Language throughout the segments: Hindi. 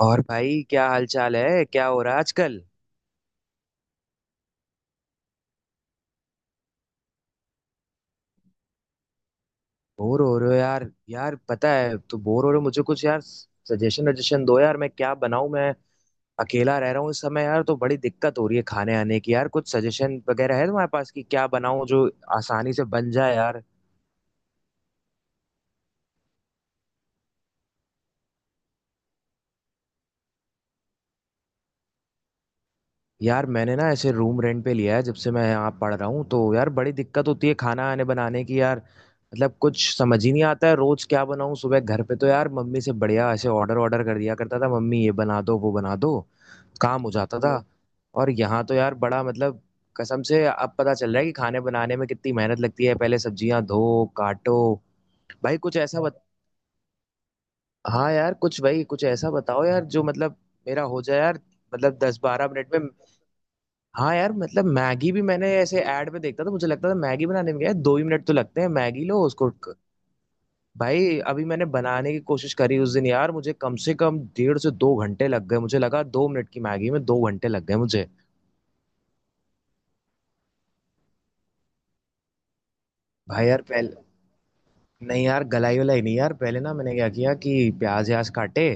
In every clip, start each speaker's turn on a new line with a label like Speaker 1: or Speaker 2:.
Speaker 1: और भाई क्या हाल चाल है? क्या हो रहा है आजकल? बोर हो रहे हो, यार? यार, पता है, तो बोर हो रहे हो। मुझे कुछ यार सजेशन वजेशन दो यार, मैं क्या बनाऊं? मैं अकेला रह रहा हूँ इस समय यार, तो बड़ी दिक्कत हो रही है खाने आने की। यार, कुछ सजेशन वगैरह है तुम्हारे पास कि क्या बनाऊं जो आसानी से बन जाए यार? यार, मैंने ना ऐसे रूम रेंट पे लिया है। जब से मैं यहाँ पढ़ रहा हूँ तो यार, बड़ी दिक्कत होती है खाना आने बनाने की। यार मतलब कुछ समझ ही नहीं आता है रोज क्या बनाऊँ। सुबह घर पे तो यार मम्मी से बढ़िया ऐसे ऑर्डर ऑर्डर कर दिया करता था, मम्मी ये बना दो, वो बना दो, काम हो जाता था। हम्म। और यहाँ तो यार बड़ा मतलब कसम से अब पता चल रहा है कि खाने बनाने में कितनी मेहनत लगती है। पहले सब्जियां धो, काटो, भाई कुछ ऐसा हाँ यार कुछ, भाई कुछ ऐसा बताओ यार जो मतलब मेरा हो जाए यार, मतलब 10-12 मिनट में। हाँ यार मतलब मैगी भी मैंने ऐसे ऐड में देखता था, मुझे लगता था मैगी बनाने में क्या है, 2 ही मिनट तो लगते हैं। मैगी लो उसको भाई, अभी मैंने बनाने की कोशिश करी उस दिन यार, मुझे कम से कम 1.5 से 2 घंटे लग गए। मुझे लगा 2 मिनट की मैगी में 2 घंटे लग गए मुझे। भाई यार पहले नहीं यार, गलाई वलाई नहीं यार। पहले ना मैंने क्या किया कि प्याज व्याज काटे,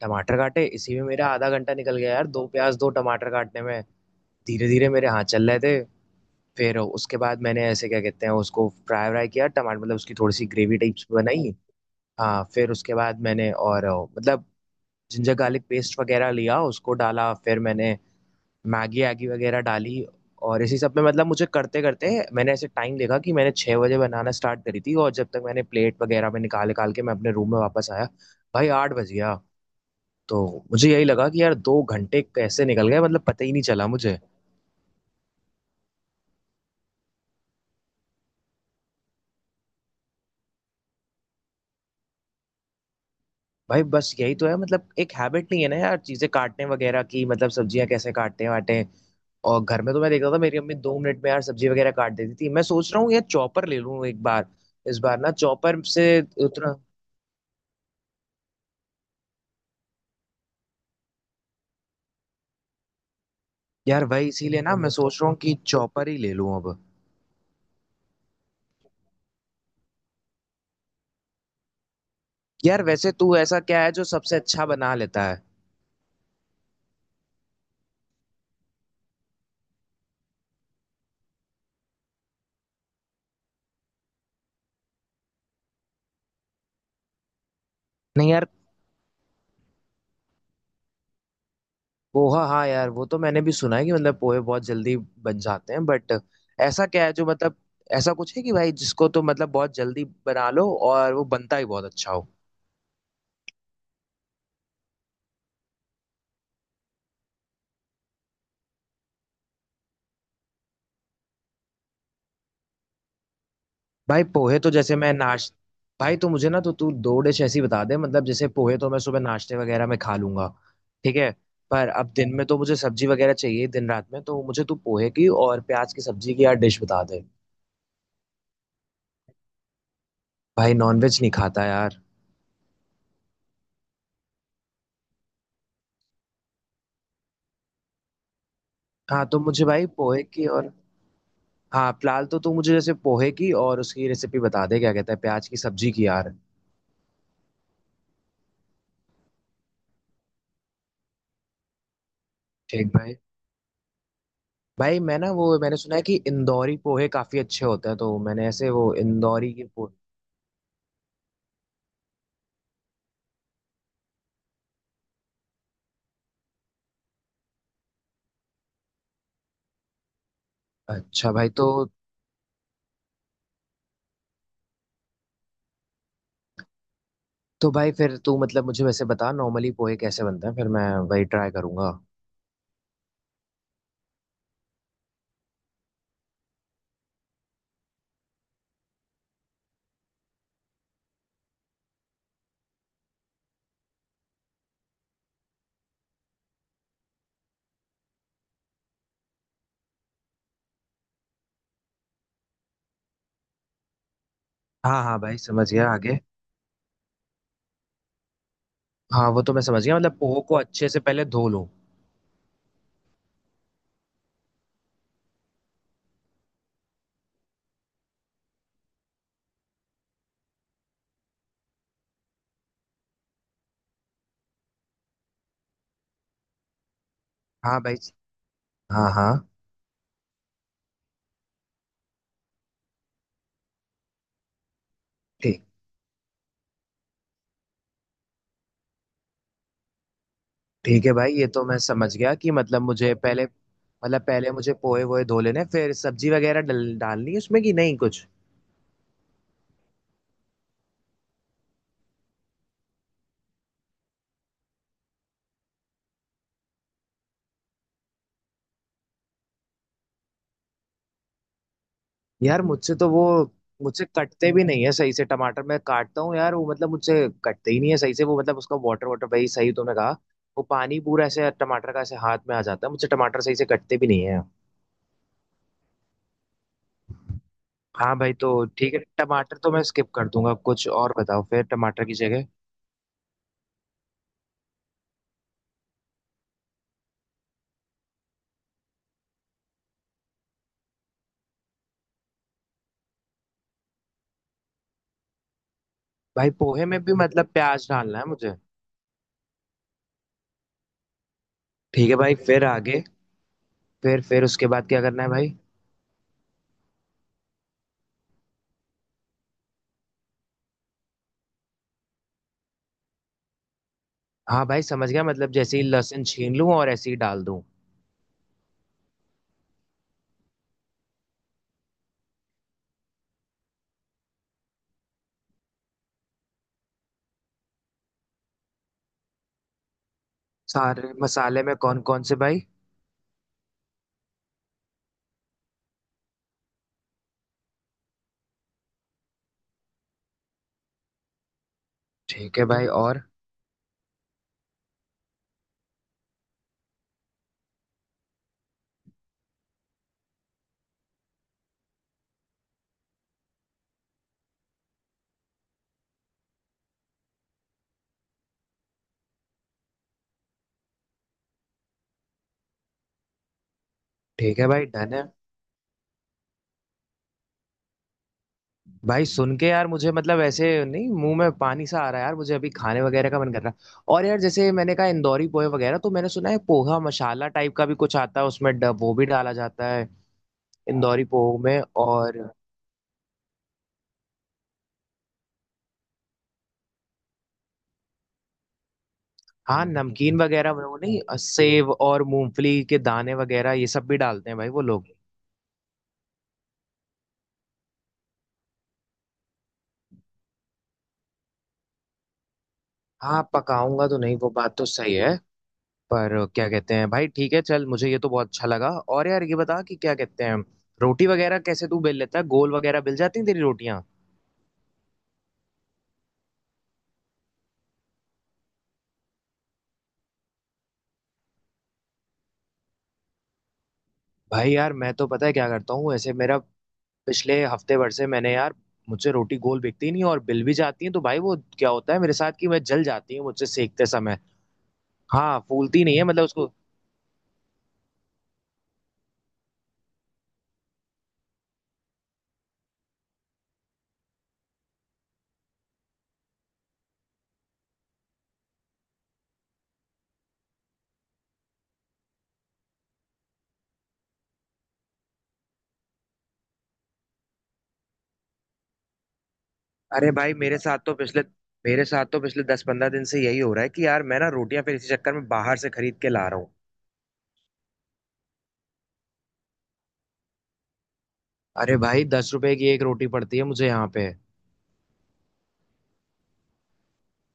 Speaker 1: टमाटर काटे, इसी में मेरा आधा घंटा निकल गया यार, दो प्याज दो टमाटर काटने में। धीरे धीरे मेरे हाथ चल रहे थे। फिर उसके बाद मैंने ऐसे, क्या कहते हैं उसको, फ्राई व्राई किया टमाटर, मतलब उसकी थोड़ी सी ग्रेवी टाइप्स बनाई। हाँ, फिर उसके बाद मैंने और मतलब जिंजर गार्लिक पेस्ट वगैरह लिया, उसको डाला, फिर मैंने मैगी एगी वगैरह डाली। और इसी सब में मतलब मुझे करते करते मैंने ऐसे टाइम देखा कि मैंने 6 बजे बनाना स्टार्ट करी थी, और जब तक मैंने प्लेट वगैरह में निकाल निकाल के मैं अपने रूम में वापस आया, भाई 8 बज गया। तो मुझे यही लगा कि यार 2 घंटे कैसे निकल गए, मतलब पता ही नहीं चला मुझे। भाई बस यही तो है, मतलब एक हैबिट नहीं है ना यार चीजें काटने वगैरह की। मतलब सब्जियां कैसे काटते हैं वाटे हैं। और घर में तो मैं देखता था मेरी अम्मी 2 मिनट में यार सब्जी वगैरह काट देती थी। मैं सोच रहा हूँ यार चॉपर ले लूँ एक बार। इस बार ना चॉपर से उतना, यार वही इसीलिए ना मैं सोच रहा हूँ कि चॉपर ही ले लूँ अब। यार वैसे तू ऐसा क्या है जो सबसे अच्छा बना लेता है? नहीं यार, पोहा, हाँ हाँ यार, वो तो मैंने भी सुना है कि मतलब पोहे बहुत जल्दी बन जाते हैं, बट ऐसा क्या है जो मतलब ऐसा कुछ है कि भाई जिसको तो मतलब बहुत जल्दी बना लो और वो बनता ही बहुत अच्छा हो। भाई पोहे तो जैसे मैं नाश, भाई तो मुझे ना, तो तू दो डिश ऐसी बता दे। मतलब जैसे पोहे तो मैं सुबह नाश्ते वगैरह में खा लूंगा, ठीक है। पर अब दिन में तो मुझे सब्जी वगैरह चाहिए, दिन रात में। तो मुझे तू पोहे की और प्याज की सब्जी की यार डिश बता दे। भाई नॉनवेज नहीं खाता यार। हाँ तो मुझे भाई पोहे की और, हाँ फिलहाल तो तू मुझे जैसे पोहे की और उसकी रेसिपी बता दे, क्या कहता है, प्याज की सब्जी की यार। ठीक भाई। भाई मैं ना, वो मैंने सुना है कि इंदौरी पोहे काफी अच्छे होते हैं, तो मैंने ऐसे वो इंदौरी के पोहे, अच्छा भाई। तो भाई फिर तू मतलब मुझे वैसे बता नॉर्मली पोहे कैसे बनते हैं, फिर मैं वही ट्राई करूंगा। हाँ हाँ भाई समझ गया, आगे। हाँ वो तो मैं समझ गया मतलब पोहे को अच्छे से पहले धो लो। हाँ भाई। हाँ हाँ। ठीक, ठीक है भाई। ये तो मैं समझ गया कि मतलब मुझे पहले, मतलब पहले मुझे पोहे वोहे धो लेने, फिर सब्जी वगैरह डालनी है उसमें कि नहीं कुछ? यार मुझसे तो वो, मुझसे कटते भी नहीं है सही से टमाटर। मैं काटता हूँ यार वो मतलब, मुझसे कटते ही नहीं है सही से। वो मतलब उसका वाटर वाटर, भाई सही तुमने कहा। वो पानी पूरा ऐसे टमाटर का ऐसे हाथ में आ जाता है, मुझसे टमाटर सही से कटते भी नहीं है। हाँ भाई, तो ठीक है टमाटर तो मैं स्किप कर दूंगा, कुछ और बताओ फिर टमाटर की जगह। भाई पोहे में भी मतलब प्याज डालना है मुझे? ठीक है भाई, फिर आगे? फिर उसके बाद क्या करना है भाई? हाँ भाई समझ गया, मतलब जैसे ही लहसुन छीन लूं और ऐसे ही डाल दूं। सारे मसाले में कौन कौन से भाई? ठीक है भाई, और? ठीक है भाई, डन है। भाई सुन के यार मुझे मतलब ऐसे नहीं, मुंह में पानी सा आ रहा है यार, मुझे अभी खाने वगैरह का मन कर रहा है। और यार जैसे मैंने कहा इंदौरी पोहे वगैरह, तो मैंने सुना है पोहा मसाला टाइप का भी कुछ आता है, उसमें वो भी डाला जाता है इंदौरी पोहे में। और हाँ नमकीन वगैरह वो, नहीं, सेव और मूंगफली के दाने वगैरह ये सब भी डालते हैं भाई वो लोग। हाँ पकाऊंगा तो नहीं, वो बात तो सही है। पर क्या कहते हैं भाई, ठीक है चल, मुझे ये तो बहुत अच्छा लगा। और यार ये बता कि क्या कहते हैं, रोटी वगैरह कैसे तू बेल लेता है? गोल वगैरह बेल जाती हैं तेरी रोटियां भाई? यार मैं तो पता है क्या करता हूँ ऐसे मेरा, पिछले हफ्ते भर से मैंने यार, मुझसे रोटी गोल बिकती नहीं और बिल भी जाती है। तो भाई वो क्या होता है मेरे साथ कि मैं जल जाती हूँ, मुझसे सेकते समय। हाँ फूलती नहीं है, मतलब उसको। अरे भाई मेरे साथ तो पिछले मेरे साथ तो पिछले 10-15 दिन से यही हो रहा है कि यार मैं ना रोटियां फिर इसी चक्कर में बाहर से खरीद के ला रहा हूँ। अरे भाई, 10 रुपए की एक रोटी पड़ती है मुझे यहाँ पे।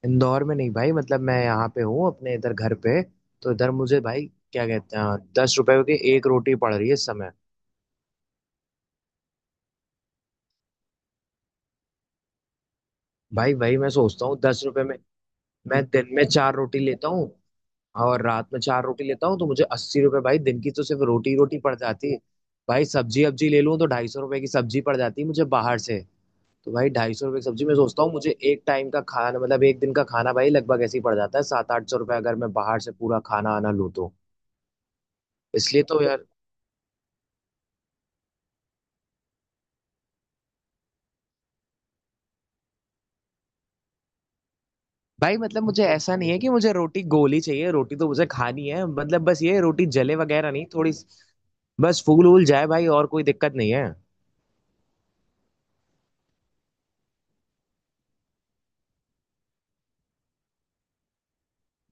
Speaker 1: इंदौर में नहीं भाई, मतलब मैं यहाँ पे हूँ अपने इधर घर पे। तो इधर मुझे भाई, क्या कहते हैं, 10 रुपए की एक रोटी पड़ रही है इस समय। भाई, भाई मैं सोचता हूँ 10 रुपए में, मैं दिन में चार रोटी लेता हूँ और रात में चार रोटी लेता हूँ, तो मुझे 80 रुपए भाई दिन की तो सिर्फ रोटी ही रोटी पड़ जाती है। भाई सब्जी अब्जी ले लूँ तो 250 रुपए की सब्जी पड़ जाती है मुझे बाहर से। तो भाई 250 रुपये की सब्जी, मैं सोचता हूँ मुझे एक टाइम का खाना, मतलब एक दिन का खाना भाई लगभग ऐसे ही पड़ जाता है 700-800 रुपये, अगर मैं बाहर से पूरा खाना आना लूँ तो। इसलिए तो यार भाई, मतलब मुझे ऐसा नहीं है कि मुझे रोटी गोली चाहिए, रोटी तो मुझे खानी है, मतलब बस ये रोटी जले वगैरह नहीं थोड़ी, बस फूल वूल जाए भाई, और कोई दिक्कत नहीं है।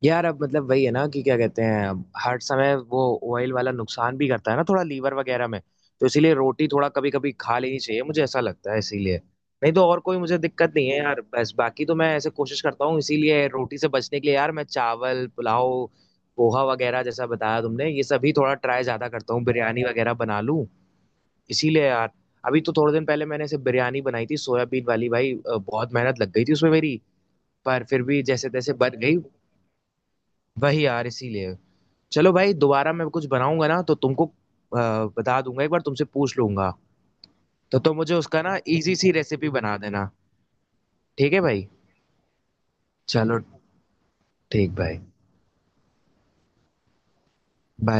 Speaker 1: यार अब मतलब वही है ना कि क्या कहते हैं, अब हर समय वो ऑयल वाला नुकसान भी करता है ना थोड़ा लीवर वगैरह में। तो इसीलिए रोटी थोड़ा कभी कभी खा लेनी चाहिए, मुझे ऐसा लगता है इसीलिए। नहीं तो और कोई मुझे दिक्कत नहीं है यार, बस बाकी तो मैं ऐसे कोशिश करता हूँ इसीलिए, रोटी से बचने के लिए यार मैं चावल पुलाव पोहा वगैरह, जैसा बताया तुमने ये सभी, थोड़ा ट्राई ज्यादा करता हूँ, बिरयानी वगैरह बना लूँ इसीलिए यार। अभी तो थोड़े दिन पहले मैंने ऐसे बिरयानी बनाई थी सोयाबीन वाली भाई, बहुत मेहनत लग गई थी उसमें मेरी, पर फिर भी जैसे तैसे बन गई। वही यार इसीलिए। चलो भाई, दोबारा मैं कुछ बनाऊंगा ना तो तुमको बता दूंगा, एक बार तुमसे पूछ लूंगा। तो तुम तो मुझे उसका ना इजी सी रेसिपी बना देना। ठीक है भाई, चलो, ठीक भाई, बाय।